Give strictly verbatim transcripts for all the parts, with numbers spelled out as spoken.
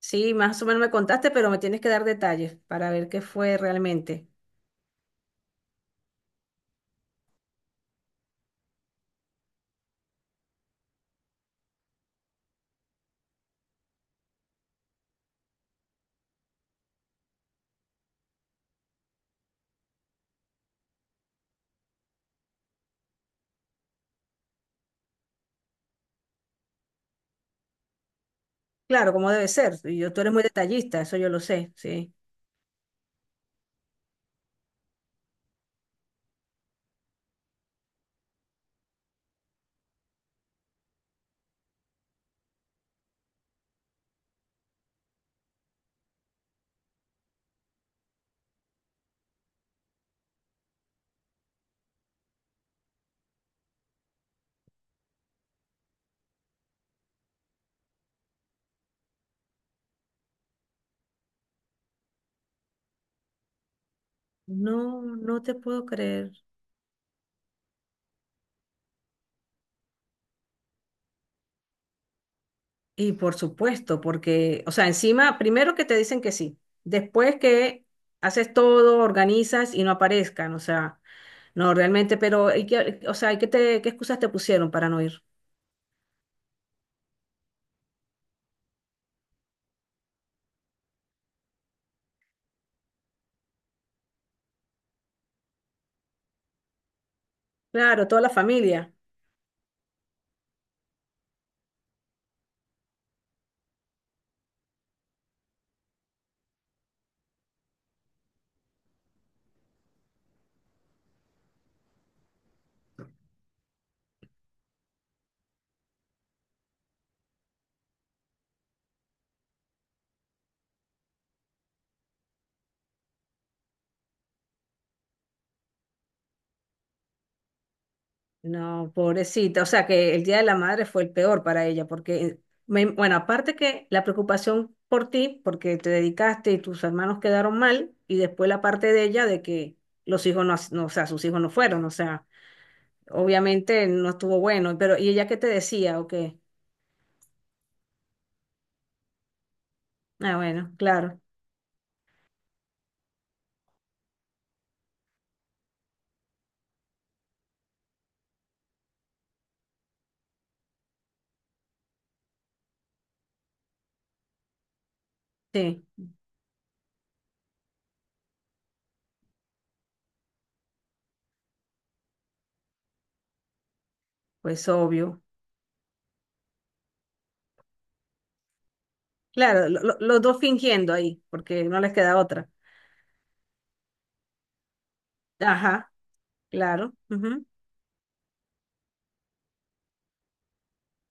Sí, más o menos me contaste, pero me tienes que dar detalles para ver qué fue realmente. Claro, como debe ser. Y yo, tú eres muy detallista, eso yo lo sé, sí. No, no te puedo creer. Y por supuesto, porque, o sea, encima, primero que te dicen que sí, después que haces todo, organizas y no aparezcan, o sea, no realmente, pero, ¿y qué- o sea, ¿y qué te, qué excusas te pusieron para no ir? Claro, toda la familia. No, pobrecita. O sea que el Día de la Madre fue el peor para ella, porque, me- bueno, aparte que la preocupación por ti, porque te dedicaste y tus hermanos quedaron mal, y después la parte de ella de que los hijos no, as- no, o sea, sus hijos no fueron, o sea, obviamente no estuvo bueno, pero ¿y ella qué te decía o qué? Ah, bueno, claro, sí, pues obvio. Claro, lo- lo- los dos fingiendo ahí, porque no les queda otra. Ajá, claro, ujú.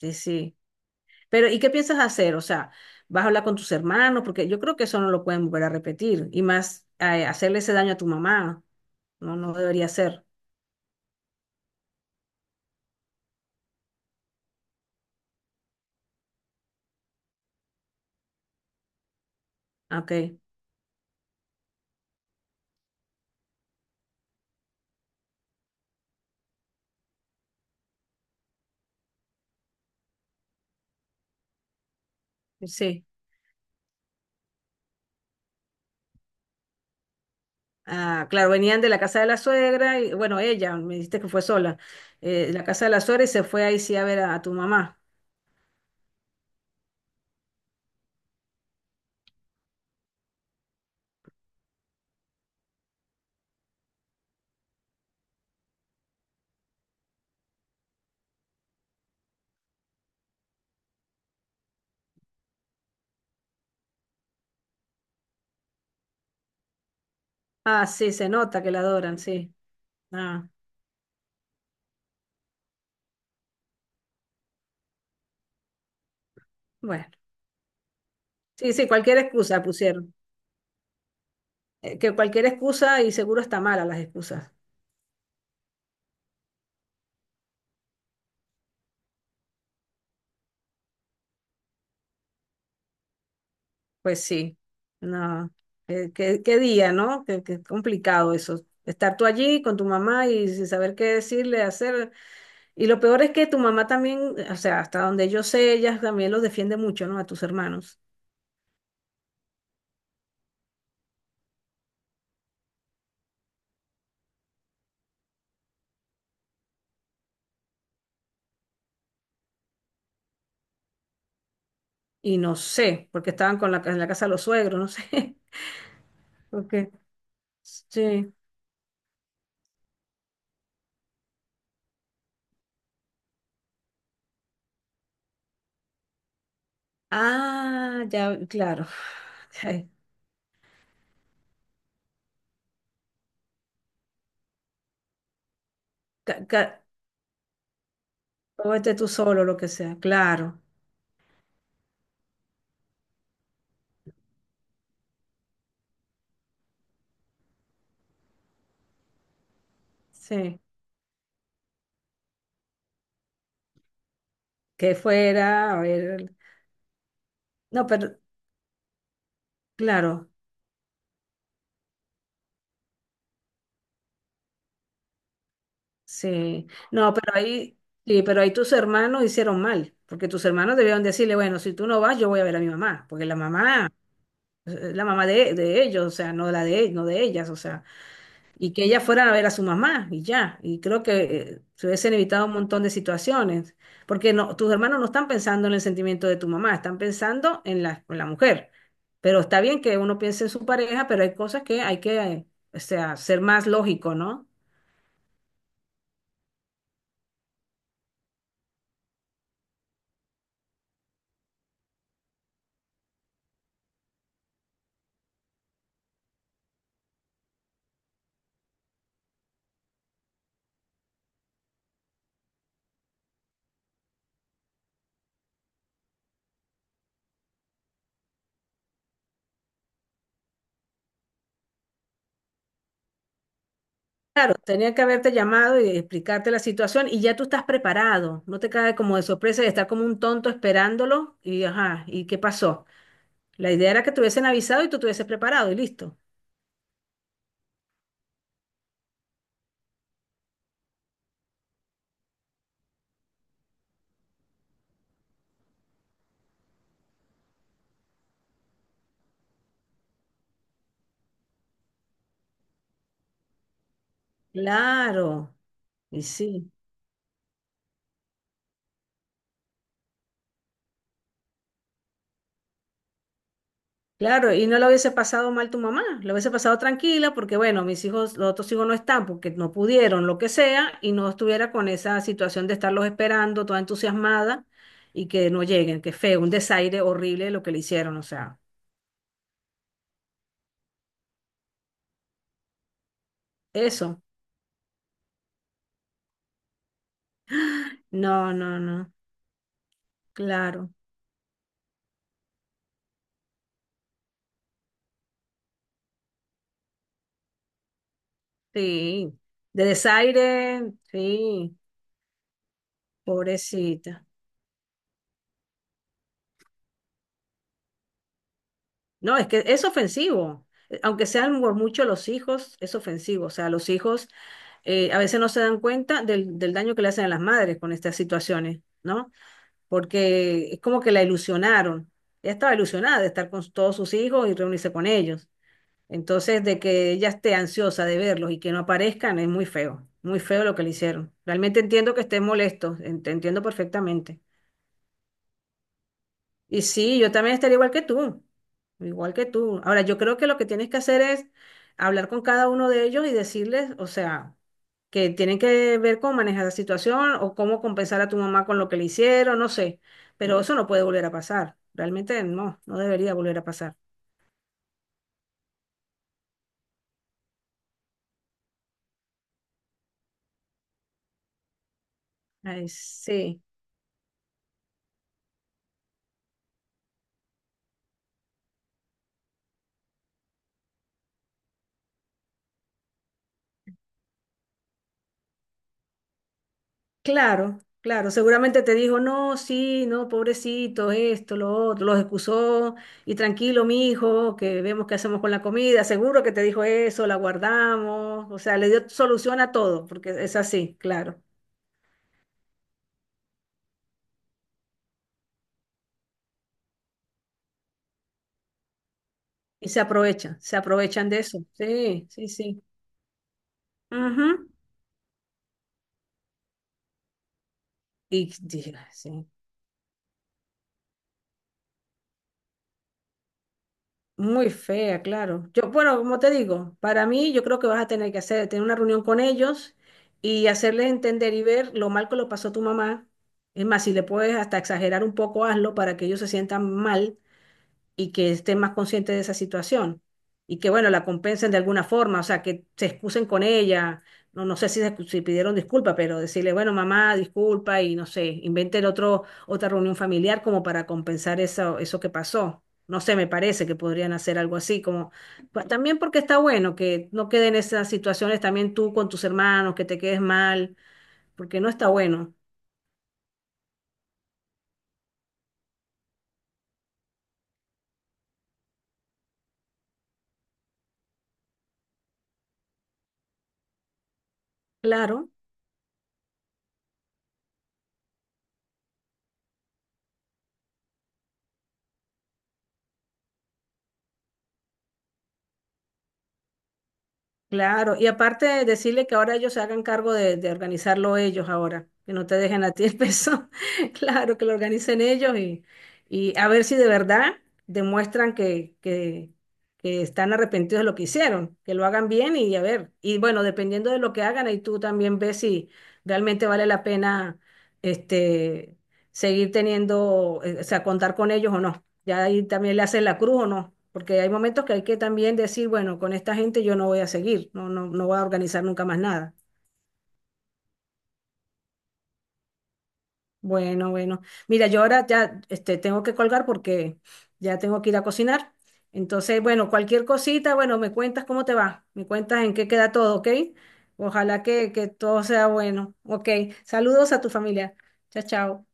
Sí, sí. Pero, ¿y qué piensas hacer? O sea, ¿vas a hablar con tus hermanos? Porque yo creo que eso no lo pueden volver a repetir. Y más, eh, hacerle ese daño a tu mamá, no, no debería ser. Ok, sí. Ah, claro, venían de la casa de la suegra, y bueno, ella, me dijiste que fue sola, eh, de la casa de la suegra y se fue ahí sí a ver a, a tu mamá. Ah, sí, se nota que la adoran, sí. Ah, bueno. Sí, sí, cualquier excusa pusieron. Eh, que cualquier excusa y seguro está mala las excusas. Pues sí, no, qué, qué- qué día, ¿no? Qué, qué complicado eso. Estar tú allí con tu mamá y sin saber qué decirle, hacer. Y lo peor es que tu mamá también, o sea, hasta donde yo sé, ella también los defiende mucho, ¿no? A tus hermanos. Y no sé, porque estaban con la, en la casa de los suegros, no sé. Porque sí. Ah, ya, claro. Ay, ca- ca- o vete tú solo, lo que sea, claro. Sí. Que fuera, a ver. No, pero claro. Sí, no, pero ahí, sí, pero ahí tus hermanos hicieron mal, porque tus hermanos debieron decirle, bueno, si tú no vas, yo voy a ver a mi mamá, porque la mamá es la mamá de, de ellos, o sea, no la de, no de ellas, o sea, y que ellas fueran a ver a su mamá y ya, y creo que eh, se hubiesen evitado un montón de situaciones, porque no, tus hermanos no están pensando en el sentimiento de tu mamá, están pensando en la, en la mujer, pero está bien que uno piense en su pareja, pero hay cosas que hay que, eh, o sea, ser más lógico, ¿no? Claro, tenía que haberte llamado y explicarte la situación y ya tú estás preparado. No te cae como de sorpresa de estar como un tonto esperándolo y ajá, ¿y qué pasó? La idea era que te hubiesen avisado y tú te hubieses preparado y listo. Claro, y sí, claro, y no lo hubiese pasado mal tu mamá, lo hubiese pasado tranquila porque bueno, mis hijos, los otros hijos no están porque no pudieron, lo que sea, y no estuviera con esa situación de estarlos esperando, toda entusiasmada y que no lleguen, que feo, un desaire horrible lo que le hicieron, o sea, eso. No, no, no, claro, sí. De desaire, sí, pobrecita. No, es que es ofensivo. Eh, Aunque sean por mucho los hijos, es ofensivo. O sea, los hijos eh, a veces no se dan cuenta del, del daño que le hacen a las madres con estas situaciones, ¿no? Porque es como que la ilusionaron. Ella estaba ilusionada de estar con todos sus hijos y reunirse con ellos. Entonces, de que ella esté ansiosa de verlos y que no aparezcan es muy feo, muy feo lo que le hicieron. Realmente entiendo que estés molesto, en- te entiendo perfectamente. Y sí, yo también estaría igual que tú, igual que tú. Ahora, yo creo que lo que tienes que hacer es hablar con cada uno de ellos y decirles, o sea, que tienen que ver cómo manejar la situación o cómo compensar a tu mamá con lo que le hicieron, no sé. Pero eso no puede volver a pasar. Realmente no, no debería volver a pasar. Ay, sí. Claro, claro, seguramente te dijo, no, sí, no, pobrecito, esto, lo otro, los excusó, y tranquilo, mijo, que vemos qué hacemos con la comida, seguro que te dijo eso, la guardamos, o sea, le dio solución a todo, porque es así, claro, y se aprovechan, se aprovechan de eso, sí, sí, sí. Ujú. Y dije, sí. Muy fea, claro. Yo, bueno, como te digo, para mí yo creo que vas a tener que hacer, tener una reunión con ellos y hacerles entender y ver lo mal que lo pasó tu mamá. Es más, si le puedes hasta exagerar un poco, hazlo para que ellos se sientan mal y que estén más conscientes de esa situación y que, bueno, la compensen de alguna forma, o sea, que se excusen con ella, no, no sé si, se- si pidieron disculpa, pero decirle, bueno, mamá, disculpa y no sé, inventen otro, otra reunión familiar como para compensar eso, eso que pasó. No sé, me parece que podrían hacer algo así, como pa- también porque está bueno que no queden esas situaciones también tú con tus hermanos, que te quedes mal, porque no está bueno. Claro. Claro, y aparte de decirle que ahora ellos se hagan cargo de, de organizarlo ellos ahora, que no te dejen a ti el peso, claro, que lo organicen ellos y, y a ver si de verdad demuestran que, que, que están arrepentidos de lo que hicieron, que lo hagan bien y a ver, y bueno, dependiendo de lo que hagan, ahí tú también ves si realmente vale la pena este, seguir teniendo, eh, o sea, contar con ellos o no. Ya ahí también le hacen la cruz o no, porque hay momentos que hay que también decir, bueno, con esta gente yo no voy a seguir, no, no, no voy a organizar nunca más nada. Bueno, bueno. Mira, yo ahora ya este, tengo que colgar porque ya tengo que ir a cocinar. Entonces, bueno, cualquier cosita, bueno, me cuentas cómo te va, me cuentas en qué queda todo, ¿ok? Ojalá que, que todo sea bueno. Ok, saludos a tu familia. Chao, chao.